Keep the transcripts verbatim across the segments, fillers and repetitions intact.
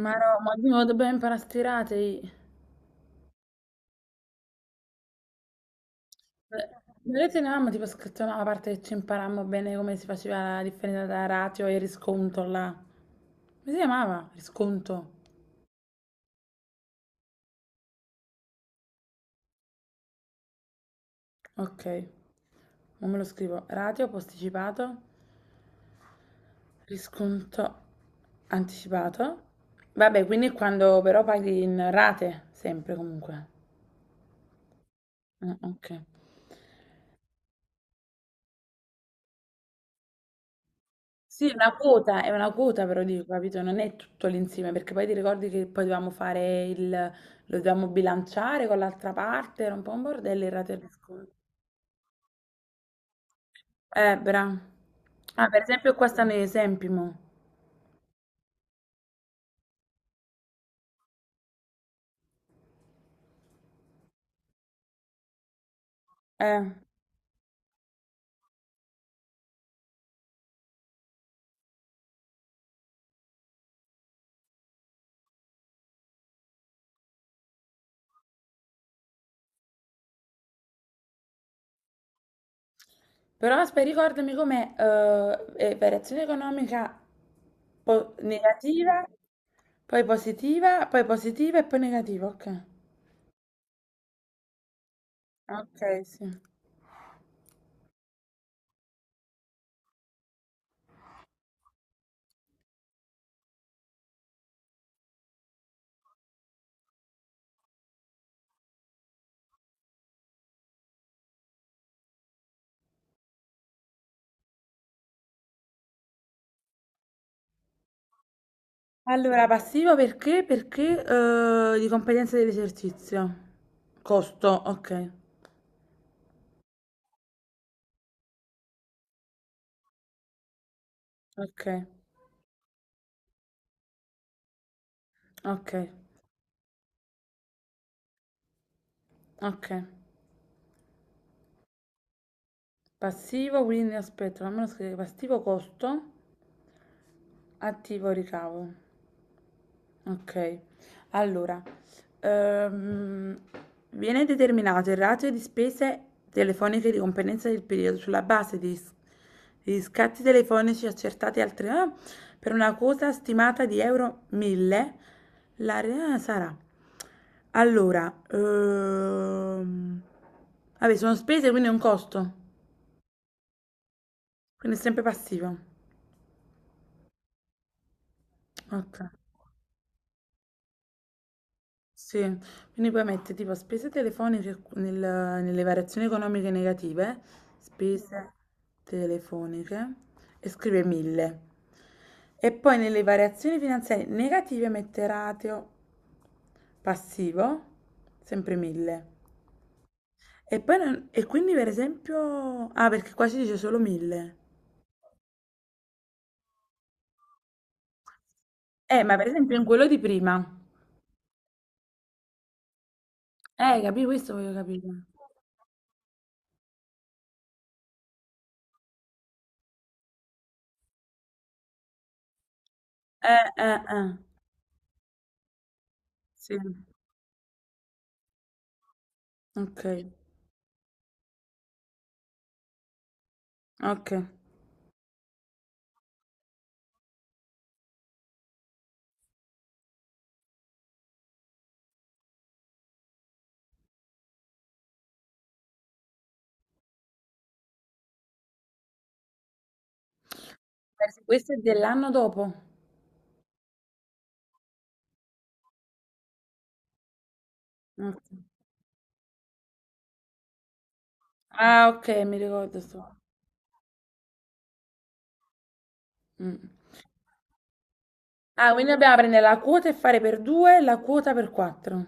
Ma no, ma dobbiamo dobbiamo imparare a stirare. Vedete, mia mamma tipo ha scritto una parte che ci imparammo bene come si faceva la differenza tra ratio e risconto là. Come si chiamava? Risconto. Ok, non me lo scrivo. Ratio posticipato, risconto anticipato. Vabbè, quindi è quando però paghi in rate, sempre comunque. Ah, ok. Sì, è una quota, è una quota però dico, capito? Non è tutto l'insieme, perché poi ti ricordi che poi dovevamo fare il... lo dovevamo bilanciare con l'altra parte, era un po' un bordello il rateo di sconto. Eh, bra. Ah, per esempio qua stanno gli esempi, mo. Eh. Però aspetta, ricordami com'è eh, eh, variazione economica po- negativa, poi positiva, poi positiva e poi negativa, ok. Ok, sì. Allora, passivo perché? Perché eh, di competenza dell'esercizio. Costo, ok, ok, ok, ok. Passivo, quindi aspetta, non me lo scrivo. Passivo costo, attivo ricavo. Okay. Allora, ehm, viene determinato il ratio di spese telefoniche di competenza del periodo sulla base di s di scatti telefonici accertati al tre ah, per una quota stimata di euro mille, l'area sarà allora, ehm, vabbè sono spese, quindi è un costo, quindi è sempre passivo. Okay. Sì, quindi puoi mettere tipo spese telefoniche nel- nelle variazioni economiche negative, spese telefoniche e scrive mille. E poi nelle variazioni finanziarie negative mette ratio passivo, sempre mille. E poi non- e quindi per esempio... Ah, perché qua si dice solo mille. Eh, ma per esempio in quello di prima. Eh, capì? Questo voglio capire. Eh, eh, eh. Sì. Ok, ok. Persi- Questo è dell'anno dopo. Ok. Ah, ok, mi ricordo. sto- mm. Ah, quindi dobbiamo prendere la quota e fare per due la quota per quattro.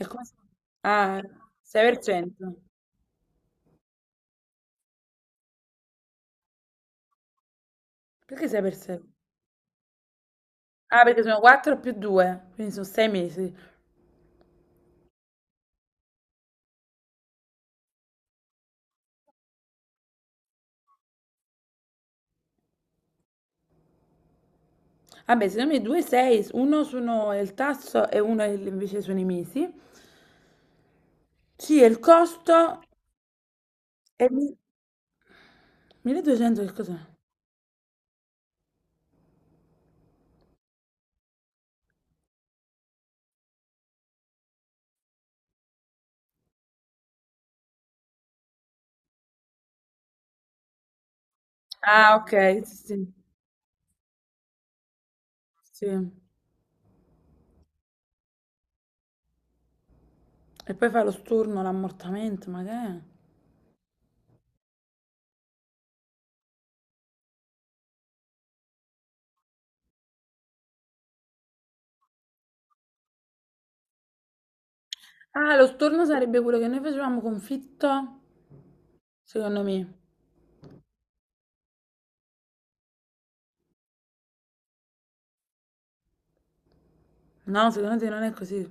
E come si- Ah, sei per cento. Perché sei per sei? Ah, perché sono quattro più due, quindi sono sei mesi. Vabbè, secondo me due sei, uno sono il tasso e uno è il- invece sono i mesi. Sì, e il costo è mi- milleduecento che cos'è? Ah, ok, sì, sì. sì. E poi fai lo storno, l'ammortamento, ma che è? Ah, lo storno sarebbe quello che noi facevamo confitto, secondo me. No, secondo te non è così.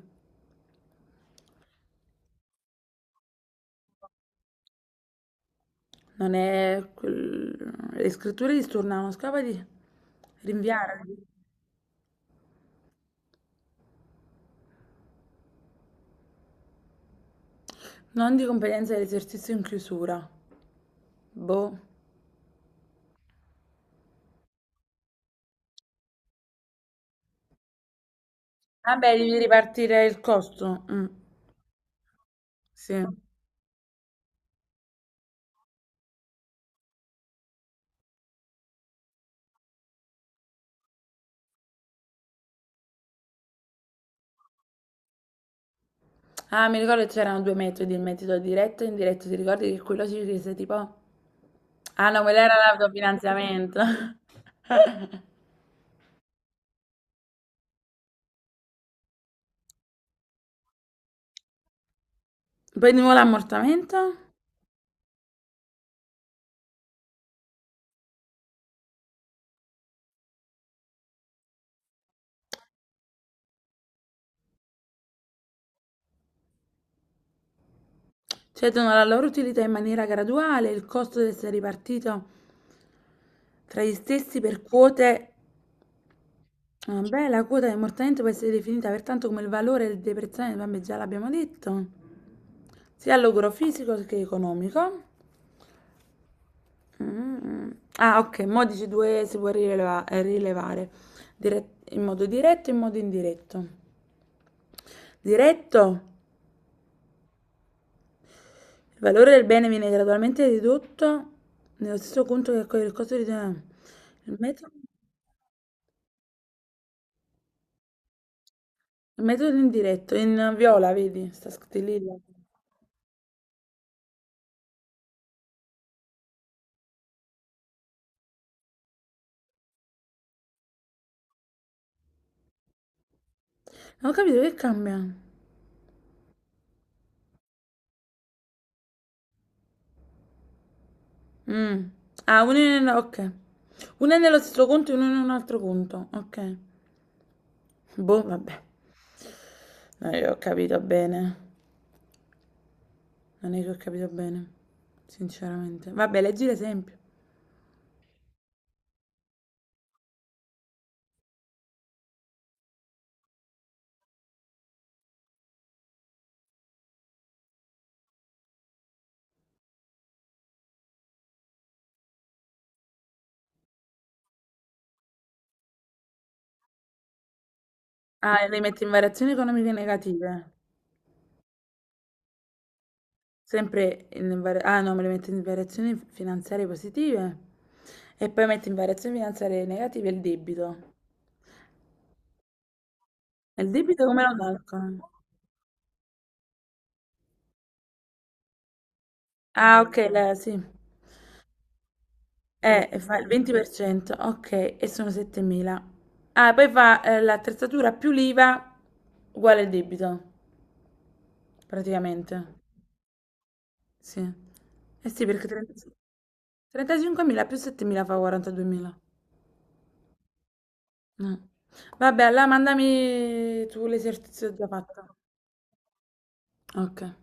Non è... quel- Le scritture di stornavano, scapa di rinviare. Non di competenza dell'esercizio in chiusura. Boh. Vabbè, devi ripartire il costo. Mm, sì. Ah, mi ricordo che c'erano due metodi, il metodo diretto e indiretto. Ti ricordi che quello ci chiese tipo... Ah no, quello era l'autofinanziamento. Poi di nuovo l'ammortamento? Cedono alla loro utilità in maniera graduale, il costo deve essere ripartito tra gli stessi per quote. Vabbè, la quota di ammortamento può essere definita pertanto come il valore del deprezzazione, vabbè, già l'abbiamo detto, sia all'ogro fisico che economico. Mm. Ah, ok, modici due si può rileva- eh, rilevare Diret- in modo diretto e in modo indiretto. Diretto, il valore del bene viene gradualmente ridotto nello stesso conto che accoglie il costo di... Il metodo... Metodo indiretto, in viola, vedi? Sta scritto lì. Là. Non ho capito che cambia. Mm. Ah, uno è nel- ok. Uno è nello stesso conto e uno in un altro conto. Ok. Boh, vabbè. Non è che ho capito bene. Non è che ho capito bene. Sinceramente. Vabbè, leggi l'esempio. Ah, e le metti in variazioni economiche negative. Sempre in variazione... Ah, no, me le metti in variazioni finanziarie positive. E poi metti in variazioni finanziarie negative il debito. E il debito come lo calcolo? Ah, ok, la, sì. Eh, fa il venti per cento, ok, e sono settemila. Ah, poi fa eh, l'attrezzatura più l'IVA uguale il debito, praticamente. Sì. Eh sì, perché trenta trentacinquemila più settemila fa quarantaduemila. Mm. Vabbè, allora mandami tu l'esercizio già fatto. Ok.